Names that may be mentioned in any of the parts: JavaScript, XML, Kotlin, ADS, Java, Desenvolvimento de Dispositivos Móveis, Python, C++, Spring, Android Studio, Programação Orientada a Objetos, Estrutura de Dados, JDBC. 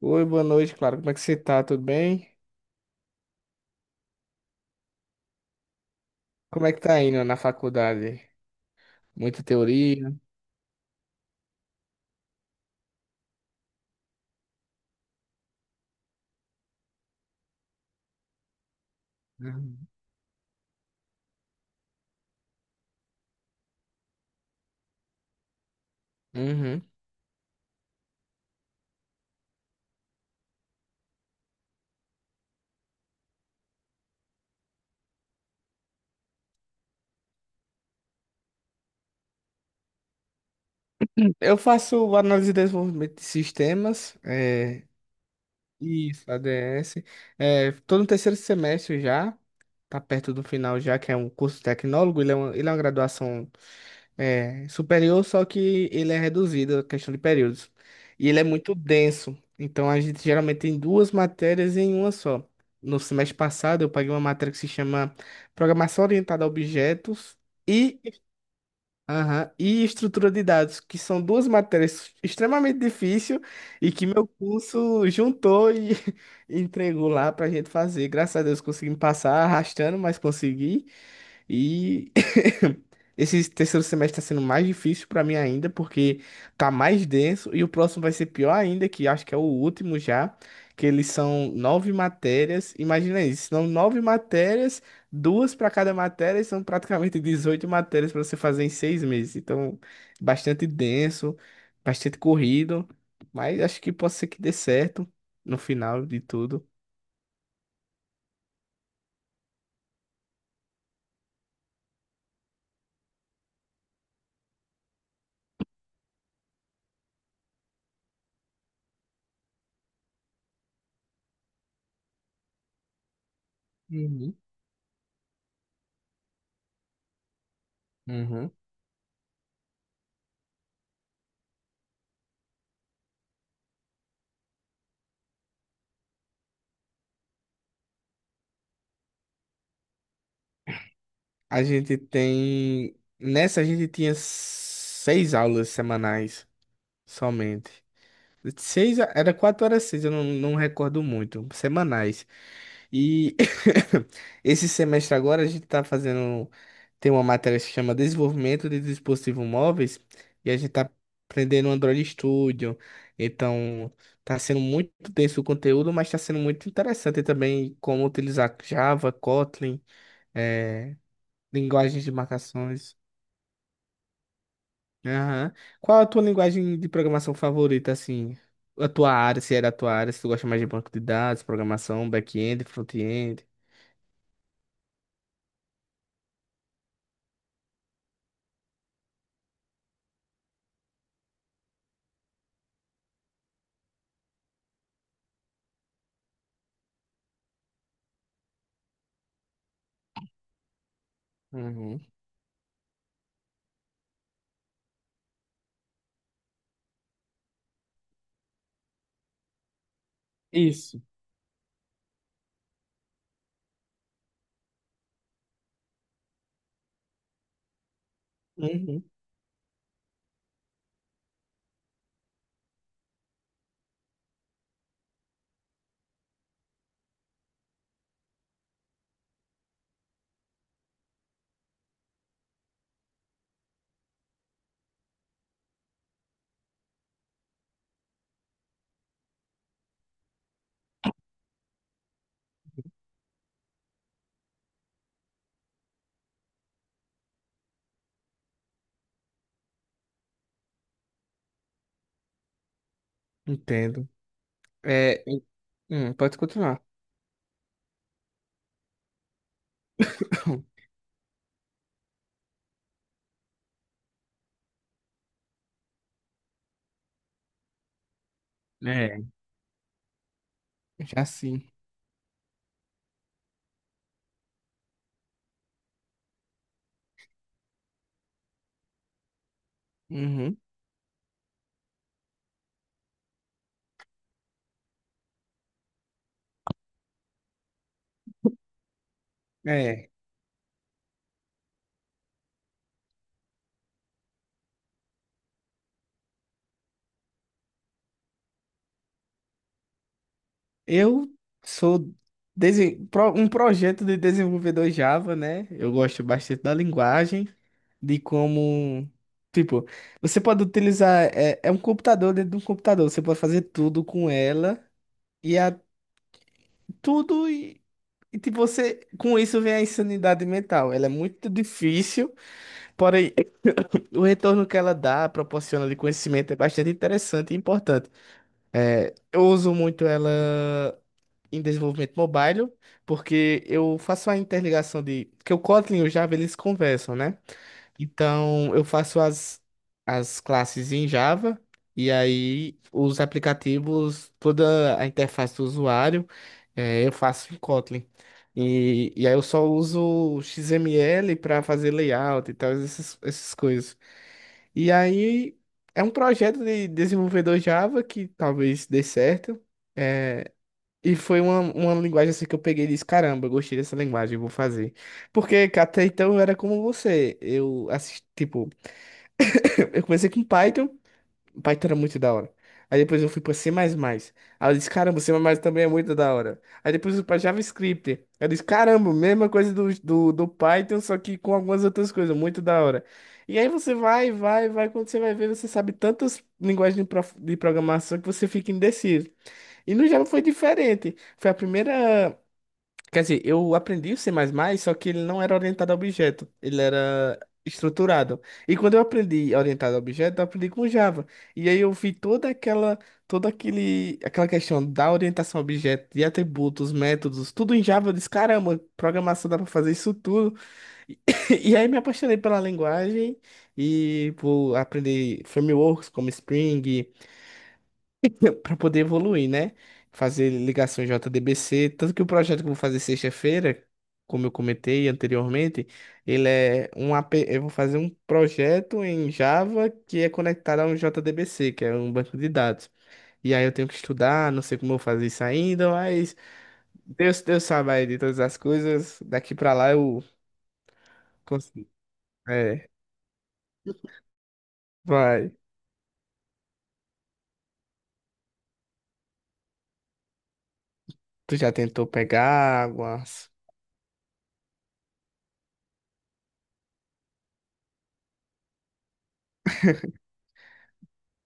Oi, boa noite, claro. Como é que você tá? Tudo bem? Como é que tá indo na faculdade? Muita teoria? Uhum. Uhum. Eu faço análise de desenvolvimento de sistemas, é, isso, ADS. É, tô no terceiro semestre já, tá perto do final já, que é um curso tecnólogo, ele é uma graduação superior, só que ele é reduzido, a questão de períodos. E ele é muito denso. Então a gente geralmente tem duas matérias em uma só. No semestre passado eu paguei uma matéria que se chama Programação Orientada a Objetos e, aham, e Estrutura de Dados, que são duas matérias extremamente difíceis e que meu curso juntou e entregou lá pra gente fazer. Graças a Deus consegui me passar arrastando, mas consegui. E esse terceiro semestre está sendo mais difícil para mim ainda, porque tá mais denso, e o próximo vai ser pior ainda, que acho que é o último já, que eles são nove matérias. Imagina isso, são nove matérias, duas para cada matéria, e são praticamente 18 matérias para você fazer em 6 meses. Então, bastante denso, bastante corrido, mas acho que pode ser que dê certo no final de tudo. Uhum. Uhum. A gente tem. Nessa a gente tinha seis aulas semanais somente. Seis, era 4 horas seis, eu não recordo muito. Semanais. E esse semestre agora a gente tá fazendo. Tem uma matéria que se chama Desenvolvimento de Dispositivos Móveis. E a gente tá aprendendo Android Studio. Então, tá sendo muito denso o conteúdo, mas tá sendo muito interessante também como utilizar Java, Kotlin. eh, Linguagens de marcações. Aham. Qual a tua linguagem de programação favorita, assim? A tua área, se é da tua área, se tu gosta mais de banco de dados, programação, back-end, front-end. Uhum. Isso. Uhum. Entendo. É, pode continuar. É. Já sim. Uhum. É. Eu sou um projeto de desenvolvedor Java, né? Eu gosto bastante da linguagem, de como. Tipo, você pode utilizar. É um computador dentro de um computador, você pode fazer tudo com ela, e a, tudo. E tipo, você. Com isso vem a insanidade mental. Ela é muito difícil, porém, o retorno que ela dá, proporciona de conhecimento, é bastante interessante e importante. É, eu uso muito ela em desenvolvimento mobile, porque eu faço a interligação de... Porque o Kotlin e o Java, eles conversam, né? Então, eu faço as classes em Java, e aí os aplicativos, toda a interface do usuário, eu faço em Kotlin. E aí eu só uso o XML para fazer layout e tal, essas coisas. E aí é um projeto de desenvolvedor Java que talvez dê certo. É, e foi uma linguagem assim que eu peguei e disse, caramba, eu gostei dessa linguagem, eu vou fazer. Porque até então eu era como você. Eu assisti, tipo, eu comecei com Python. Python era muito da hora. Aí depois eu fui pra C++. Aí eu disse, caramba, C++ também é muito da hora. Aí depois eu fui pra JavaScript. Aí eu disse, caramba, mesma coisa do Python, só que com algumas outras coisas, muito da hora. E aí você vai, vai, vai, quando você vai ver, você sabe tantas linguagens de programação que você fica indeciso. E no Java foi diferente. Foi a primeira. Quer dizer, eu aprendi o C++, só que ele não era orientado a objeto, ele era estruturado. E quando eu aprendi orientado a objeto, eu aprendi com Java. E aí eu vi toda aquela, aquela questão da orientação a objeto, de atributos, métodos, tudo em Java. Eu disse, caramba, programação dá para fazer isso tudo. E, e aí me apaixonei pela linguagem e por aprender frameworks como Spring, para poder evoluir, né? Fazer ligações JDBC, tanto que o projeto que eu vou fazer sexta-feira, como eu comentei anteriormente, ele é um AP, eu vou fazer um projeto em Java que é conectado a um JDBC, que é um banco de dados. E aí eu tenho que estudar, não sei como eu vou fazer isso ainda, mas Deus, Deus sabe aí de todas as coisas, daqui para lá eu consigo. É, vai. Tu já tentou pegar águas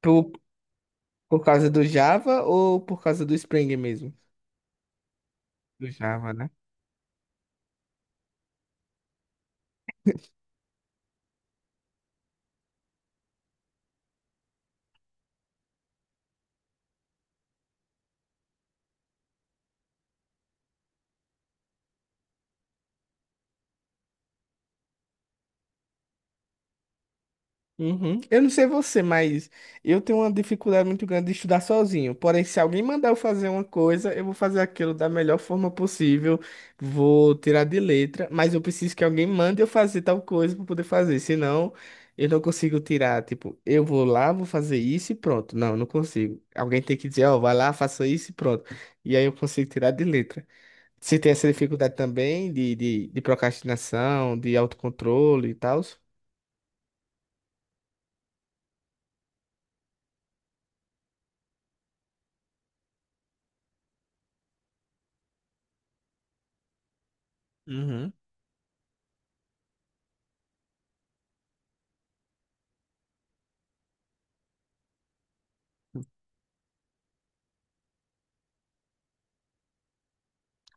por, por causa do Java ou por causa do Spring mesmo? Do Java, né? Uhum. Eu não sei você, mas eu tenho uma dificuldade muito grande de estudar sozinho. Porém, se alguém mandar eu fazer uma coisa, eu vou fazer aquilo da melhor forma possível, vou tirar de letra, mas eu preciso que alguém mande eu fazer tal coisa para poder fazer, senão eu não consigo tirar. Tipo, eu vou lá, vou fazer isso e pronto. Não, eu não consigo. Alguém tem que dizer, ó, vai lá, faça isso e pronto. E aí eu consigo tirar de letra. Você tem essa dificuldade também de procrastinação, de autocontrole e tal? Uhum.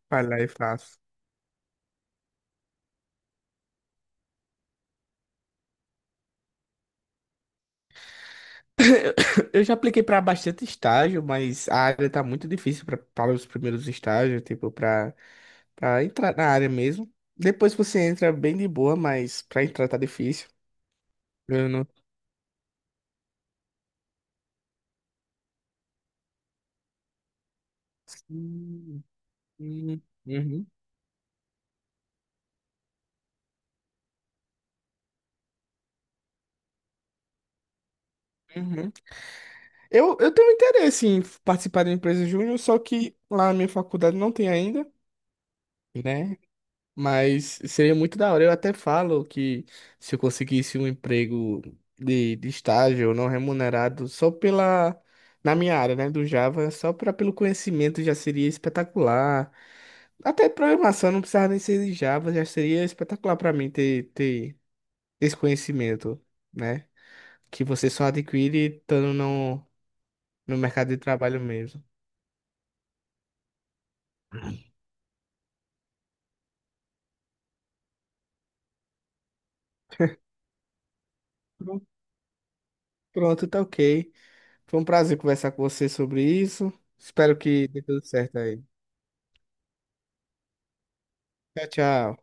Vai lá e faça. Eu já apliquei para bastante estágio, mas a área tá muito difícil para os primeiros estágios, tipo, para entrar na área mesmo. Depois você entra bem de boa, mas para entrar tá difícil. Eu não. Sim, sim, uhum, uhum. Eu tenho interesse em participar da empresa júnior, só que lá na minha faculdade não tem ainda, né? Mas seria muito da hora. Eu até falo que se eu conseguisse um emprego de estágio não remunerado, só pela. Na minha área, né, do Java, só pelo conhecimento já seria espetacular. Até programação não precisava nem ser de Java, já seria espetacular pra mim ter esse conhecimento, né? Que você só adquire estando no mercado de trabalho mesmo. Pronto, pronto, tá OK. Foi um prazer conversar com você sobre isso. Espero que dê tudo certo aí. Tchau, tchau.